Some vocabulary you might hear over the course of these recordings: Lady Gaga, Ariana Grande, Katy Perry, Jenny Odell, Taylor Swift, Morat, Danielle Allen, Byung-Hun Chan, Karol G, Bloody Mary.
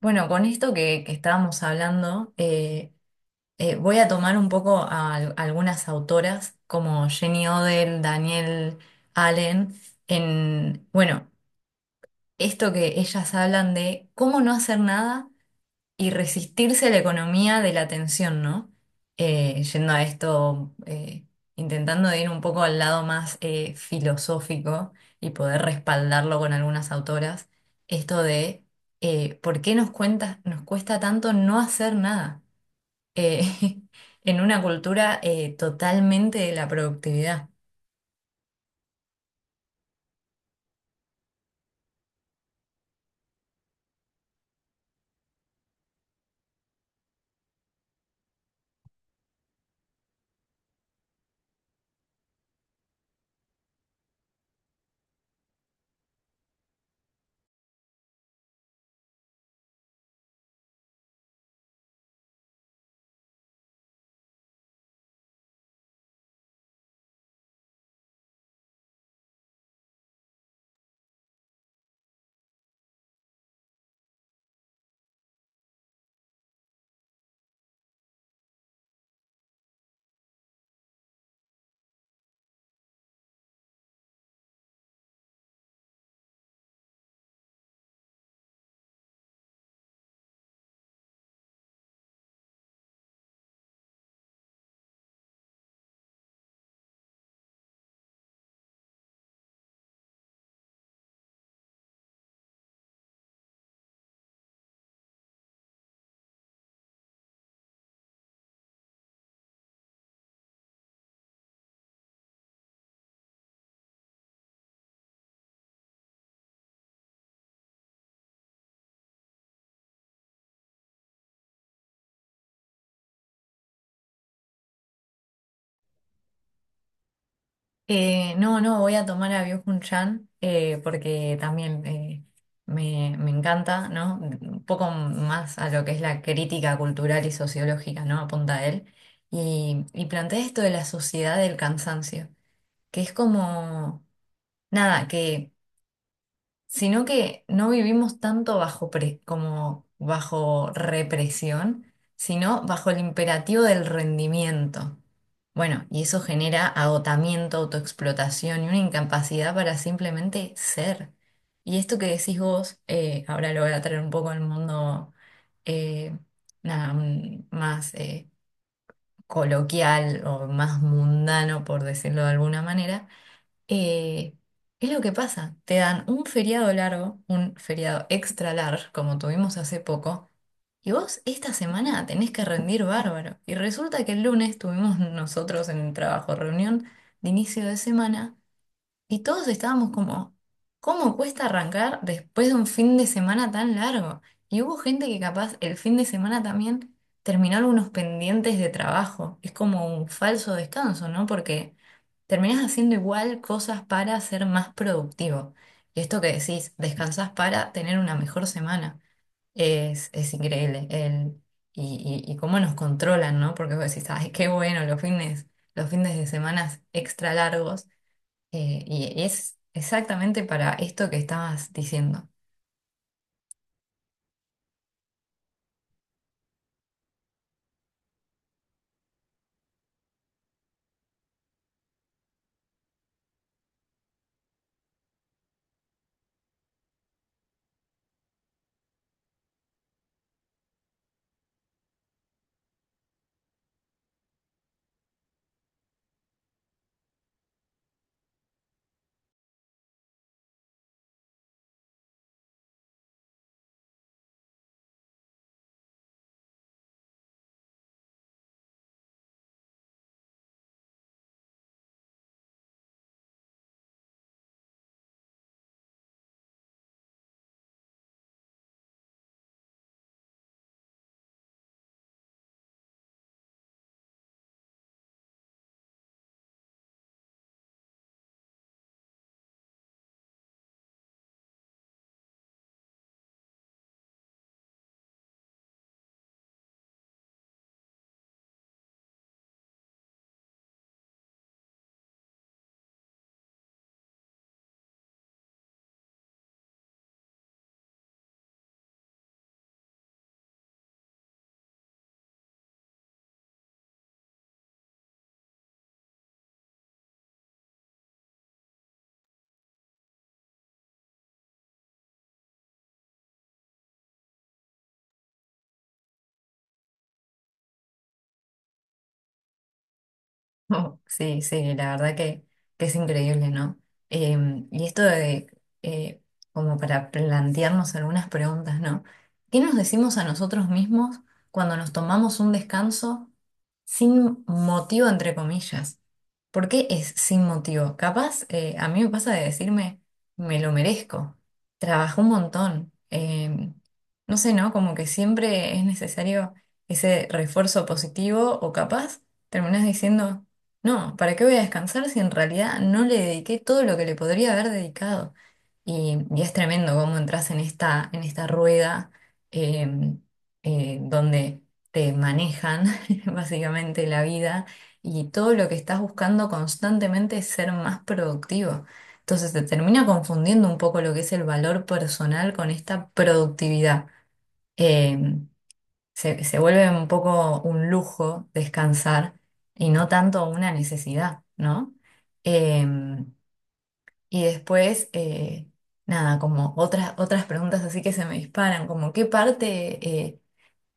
Bueno, con esto que estábamos hablando, voy a tomar un poco algunas autoras como Jenny Odell, Danielle Allen, en, bueno, esto que ellas hablan de cómo no hacer nada y resistirse a la economía de la atención, ¿no? Yendo a esto, intentando de ir un poco al lado más filosófico y poder respaldarlo con algunas autoras, esto de por qué nos cuesta tanto no hacer nada eh, en una cultura totalmente de la productividad. No, no, voy a tomar a Byung-Hun Chan porque también me encanta, ¿no? Un poco más a lo que es la crítica cultural y sociológica, ¿no? Apunta a él. Y plantea esto de la sociedad del cansancio, que es como, nada, que sino que no vivimos tanto como bajo represión, sino bajo el imperativo del rendimiento. Bueno, y eso genera agotamiento, autoexplotación y una incapacidad para simplemente ser. Y esto que decís vos, ahora lo voy a traer un poco al mundo eh, nada, mm, más coloquial o más mundano, por decirlo de alguna manera, eh, es lo que pasa, te dan un feriado largo, un feriado extra largo, como tuvimos hace poco, y vos esta semana tenés que rendir bárbaro. Y resulta que el lunes tuvimos nosotros en el trabajo reunión de inicio de semana. Y todos estábamos como, ¿cómo cuesta arrancar después de un fin de semana tan largo? Y hubo gente que capaz el fin de semana también terminó algunos pendientes de trabajo. Es como un falso descanso, ¿no? Porque terminás haciendo igual cosas para ser más productivo. Y esto que decís, descansás para tener una mejor semana. Es increíble. Y cómo nos controlan, ¿no? Porque vos decís, ay, qué bueno, los fines de semana extra largos. Y es exactamente para esto que estabas diciendo. Oh, sí, sí, la verdad que es increíble, ¿no? Y esto de, eh, como para plantearnos algunas preguntas, ¿no? ¿Qué nos decimos a nosotros mismos cuando nos tomamos un descanso sin motivo, entre comillas? ¿Por qué es sin motivo? Capaz, a mí me pasa de decirme, me lo merezco, trabajé un montón, no sé, ¿no? Como que siempre es necesario ese refuerzo positivo o capaz terminas diciendo... No, ¿para qué voy a descansar si en realidad no le dediqué todo lo que le podría haber dedicado? Y es tremendo cómo entras en en esta rueda, eh, donde te manejan básicamente la vida y todo lo que estás buscando constantemente es ser más productivo. Entonces te termina confundiendo un poco lo que es el valor personal con esta productividad. Em, se vuelve un poco un lujo descansar y no tanto una necesidad, ¿no? Eh, y después, nada, como otras preguntas así que se me disparan, como eh,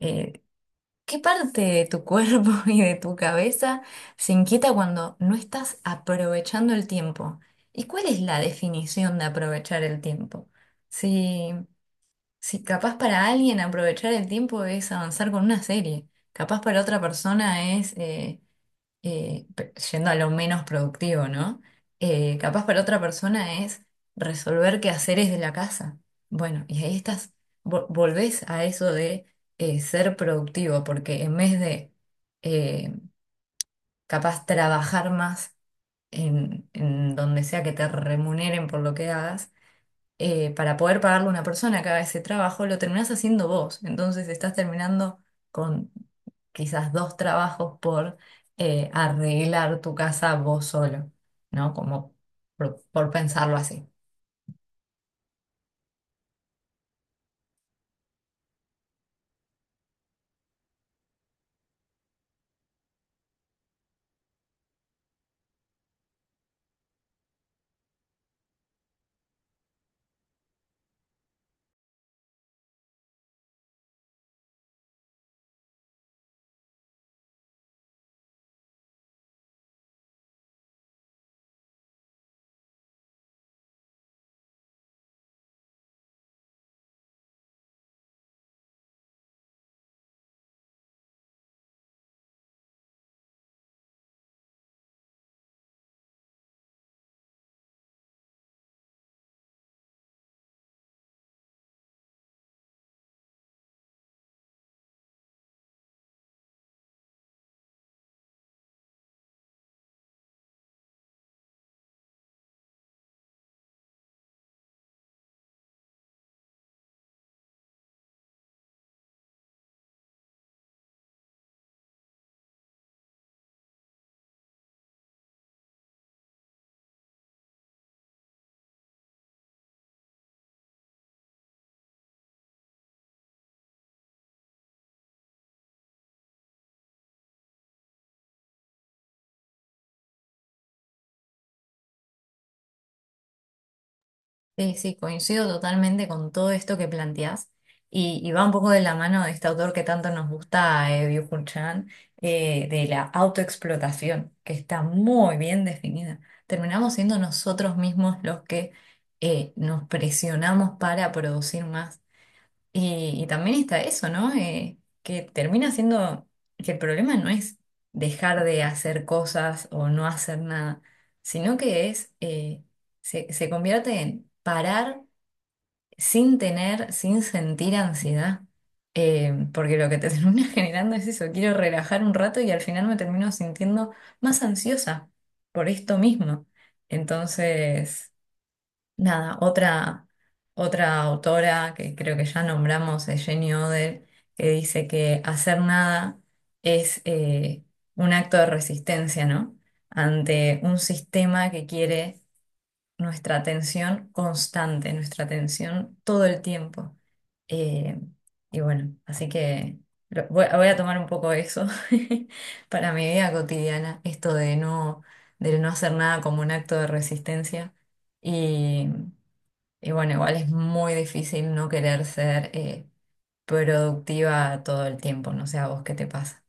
eh, qué parte de tu cuerpo y de tu cabeza se inquieta cuando no estás aprovechando el tiempo. ¿Y cuál es la definición de aprovechar el tiempo? Sí. Si capaz para alguien aprovechar el tiempo es avanzar con una serie, capaz para otra persona es, yendo a lo menos productivo, ¿no? Capaz para otra persona es resolver qué quehaceres de la casa. Bueno, y ahí estás, volvés a eso de ser productivo, porque en vez de eh, capaz trabajar más en donde sea que te remuneren por lo que hagas, para poder pagarle a una persona que haga ese trabajo, lo terminás haciendo vos. Entonces estás terminando con quizás dos trabajos por arreglar tu casa vos solo, ¿no? Como por pensarlo así. Sí, sí, coincido totalmente con todo esto que planteás y va un poco de la mano de este autor que tanto nos gusta, Byung-Hun Chan, de la autoexplotación, que está muy bien definida. Terminamos siendo nosotros mismos los que nos presionamos para producir más. Y también está eso, ¿no? Que termina siendo que el problema no es dejar de hacer cosas o no hacer nada, sino que es, se convierte en parar sin tener, sin sentir ansiedad. Porque lo que te termina generando es eso, quiero relajar un rato y al final me termino sintiendo más ansiosa por esto mismo. Entonces... Nada, otra autora que creo que ya nombramos es Jenny Oder, que dice que hacer nada es un acto de resistencia, ¿no? Ante un sistema que quiere nuestra atención constante, nuestra atención todo el tiempo. Eh, y bueno, así que voy a tomar un poco eso para mi vida cotidiana, esto de no hacer nada como un acto de resistencia. Y. Y bueno, igual es muy difícil no querer ser productiva todo el tiempo, no sé a vos qué te pasa.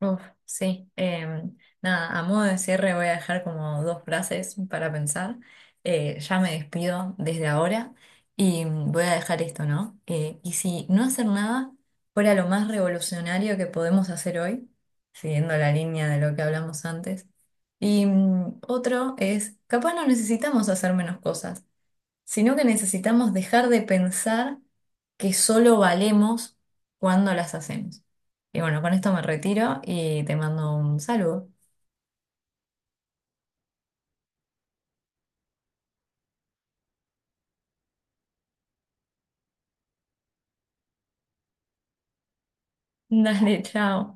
Uf, sí. Nada, a modo de cierre voy a dejar como dos frases para pensar. Ya me despido desde ahora y voy a dejar esto, ¿no? Y si no hacer nada fuera lo más revolucionario que podemos hacer hoy, siguiendo la línea de lo que hablamos antes. Y otro es, capaz no necesitamos hacer menos cosas, sino que necesitamos dejar de pensar que solo valemos cuando las hacemos. Y bueno, con esto me retiro y te mando un saludo. Dale, chao.